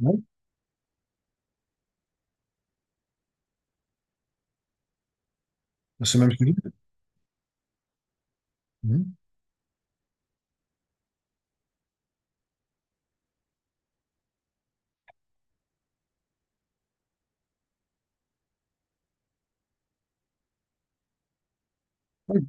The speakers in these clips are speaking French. Ouais, c'est même ce que je dis. Mhm. Ouais.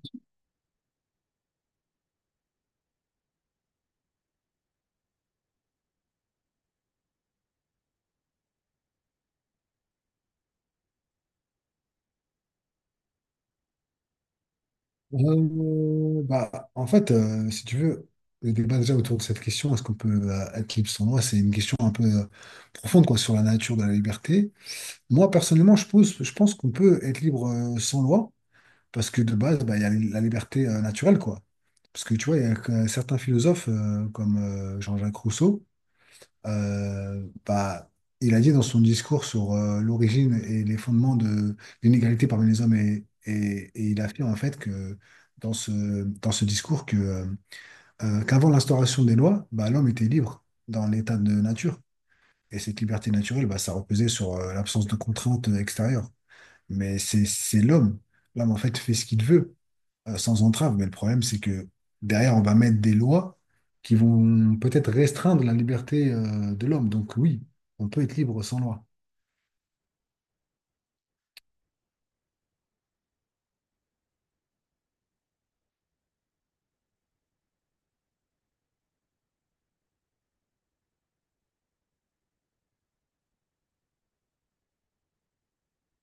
En fait, si tu veux, le débat déjà autour de cette question, est-ce qu'on peut être libre sans loi, c'est une question un peu profonde quoi, sur la nature de la liberté. Moi, personnellement, je pense qu'on peut être libre sans loi, parce que de base, bah, il y a la liberté naturelle, quoi. Parce que tu vois, il y a que certains philosophes comme Jean-Jacques Rousseau euh, bah, il a dit dans son discours sur l'origine et les fondements de l'inégalité parmi les hommes et il affirme en fait que dans ce, dans ce discours qu'avant l'instauration des lois, bah, l'homme était libre dans l'état de nature. Et cette liberté naturelle, bah, ça reposait sur l'absence de contraintes extérieures. Mais c'est l'homme. L'homme, en fait, fait ce qu'il veut sans entrave. Mais le problème, c'est que derrière, on va mettre des lois qui vont peut-être restreindre la liberté de l'homme. Donc oui, on peut être libre sans loi.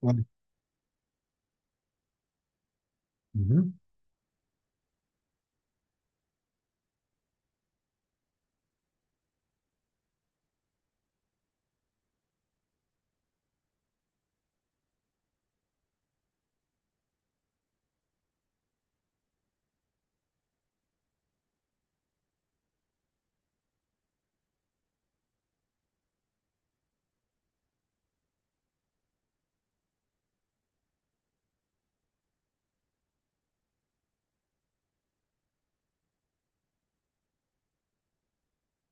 Ouais. Mhm.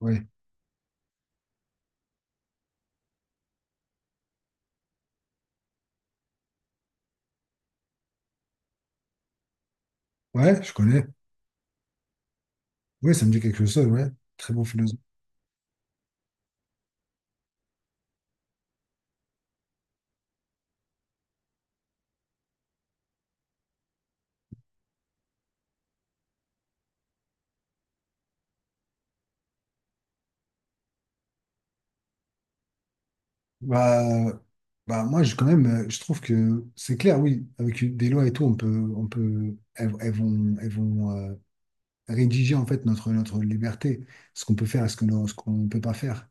Ouais. Ouais, je connais. Oui, ça me dit quelque chose, ouais. Très bon philosophe. Bah, moi, je, quand même, je trouve que c'est clair, oui, avec des lois et tout, on peut, elles vont rédiger en fait notre liberté, ce qu'on peut faire et ce que ce qu'on ne peut pas faire.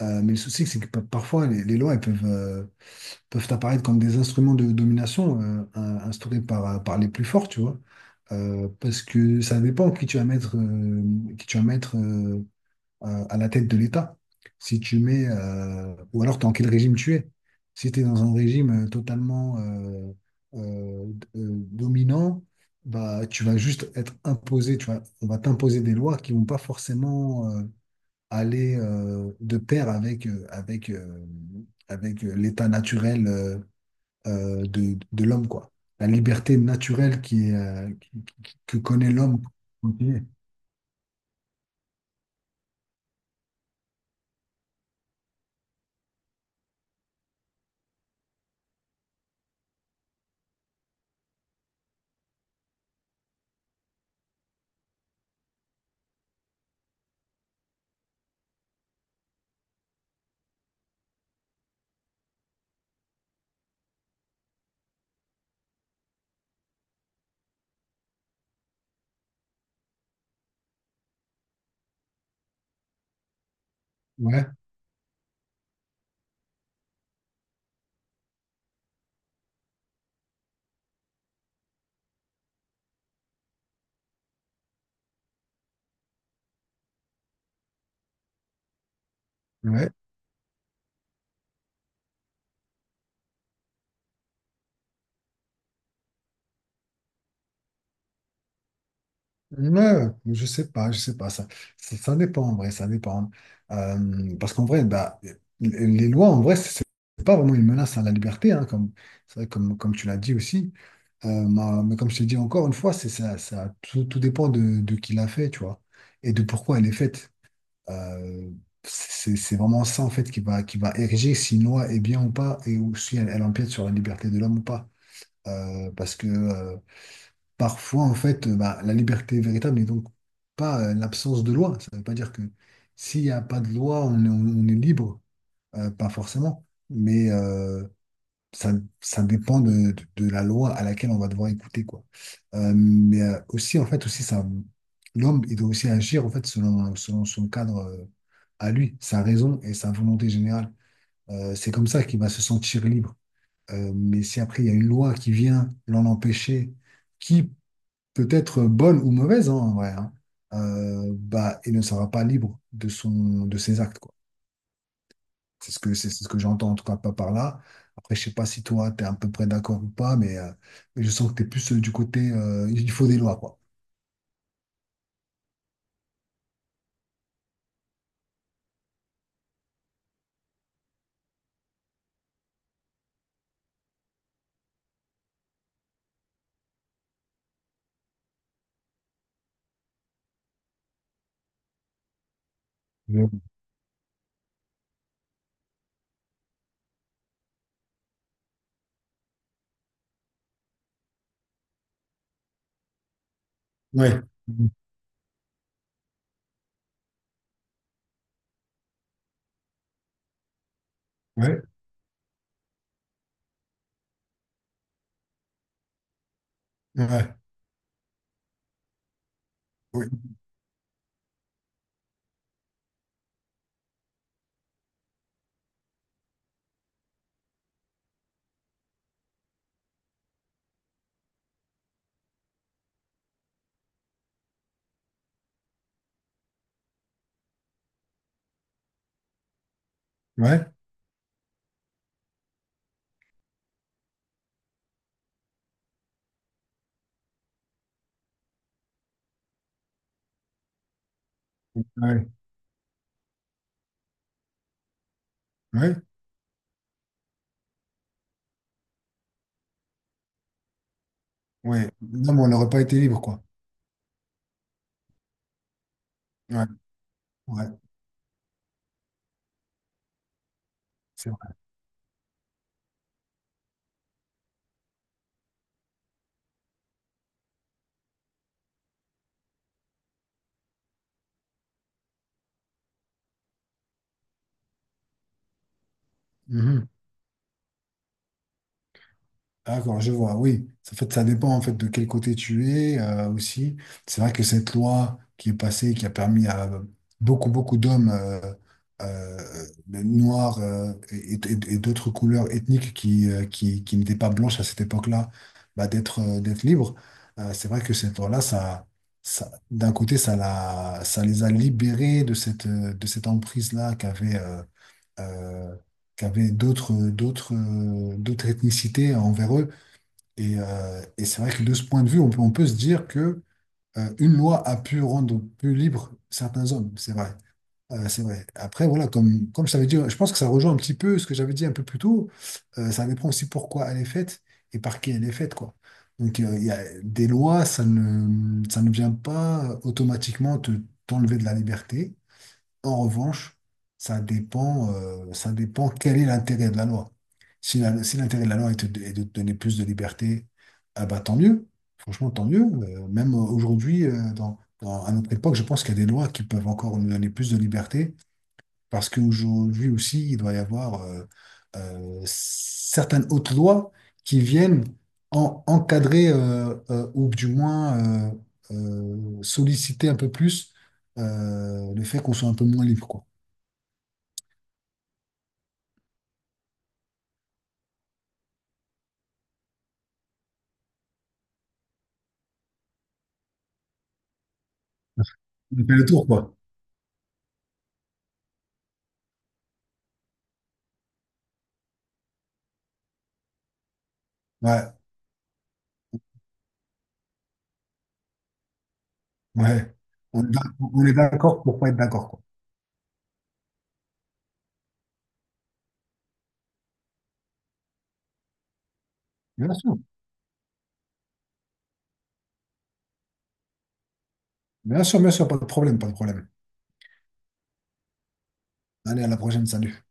Mais le souci, c'est que parfois, les lois, elles peuvent apparaître comme des instruments de domination instaurés par les plus forts, tu vois. Parce que ça dépend qui tu vas mettre, qui tu vas mettre euh, à la tête de l'État. Si tu mets, ou alors dans quel régime tu es. Si tu es dans un régime totalement dominant, bah, tu vas juste être imposé, tu vois, on va t'imposer des lois qui vont pas forcément aller de pair avec l'état naturel de l'homme, quoi. La liberté naturelle qui est, qui- que connaît l'homme pour continuer. Ouais, ouais. Ouais, je sais pas, je sais pas. Ça dépend en vrai, ça dépend. Parce qu'en vrai, bah, les lois, en vrai, c'est pas vraiment une menace à la liberté, hein, comme, c'est vrai, comme tu l'as dit aussi. Mais comme je t'ai dit encore une fois, c'est ça, ça, tout, tout dépend de qui l'a fait, tu vois, et de pourquoi elle est faite. Euh, c'est vraiment ça en fait qui va ériger si une loi est bien ou pas et ou si elle empiète sur la liberté de l'homme ou pas. Parce que parfois en fait bah, la liberté véritable n'est donc pas l'absence de loi. Ça ne veut pas dire que s'il n'y a pas de loi on est libre. Pas forcément. Mais ça, ça dépend de, de la loi à laquelle on va devoir écouter, quoi. Mais aussi, en fait, aussi, ça, L'homme, il doit aussi agir, en fait, selon son cadre à lui, sa raison et sa volonté générale. C'est comme ça qu'il va se sentir libre. Mais si après, il y a une loi qui vient l'en empêcher, qui peut être bonne ou mauvaise, hein, en vrai, hein, bah, il ne sera pas libre de son, de ses actes, quoi. C'est ce que j'entends en tout cas pas par là. Après, je sais pas si toi, tu es à peu près d'accord ou pas, mais je sens que tu es plus du côté il faut des lois, quoi. Ouais, ouais, ouais, ouais, ouais, ouais, ouais. Ouais. Ouais. Non, mais on n'aurait pas été libre, quoi. Ouais, ouais, c'est vrai. Mhm. D'accord, je vois, oui. Ça fait, ça dépend en fait de quel côté tu es aussi. C'est vrai que cette loi qui est passée, qui a permis à beaucoup, beaucoup d'hommes euh, noirs et d'autres couleurs ethniques qui n'étaient pas blanches à cette époque-là, bah, d'être libres. C'est vrai que cette loi-là, d'un côté, ça les a libérés de cette emprise-là euh, qu'avaient d'autres d'autres ethnicités envers eux. Et c'est vrai que de ce point de vue, on peut se dire que une loi a pu rendre plus libres certains hommes. C'est vrai. C'est vrai. Après, voilà, comme je t'avais dit, je pense que ça rejoint un petit peu ce que j'avais dit un peu plus tôt. Ça dépend aussi pourquoi elle est faite et par qui elle est faite, quoi. Donc, il y a des lois, ça ne vient pas automatiquement te, t'enlever de la liberté. En revanche, ça dépend quel est l'intérêt de la loi. Si l'intérêt de la loi est de te donner plus de liberté, ah bah, tant mieux. Franchement, tant mieux. Même aujourd'hui, à notre époque, je pense qu'il y a des lois qui peuvent encore nous donner plus de liberté parce qu'aujourd'hui aussi, il doit y avoir certaines hautes lois qui viennent encadrer ou du moins solliciter un peu plus le fait qu'on soit un peu moins libre, quoi. On fait le tour, quoi. Ouais, ouais. On est on est d'accord pour pas être d'accord, quoi. Bien sûr, bien sûr, pas de problème, pas de problème. Allez, à la prochaine, salut.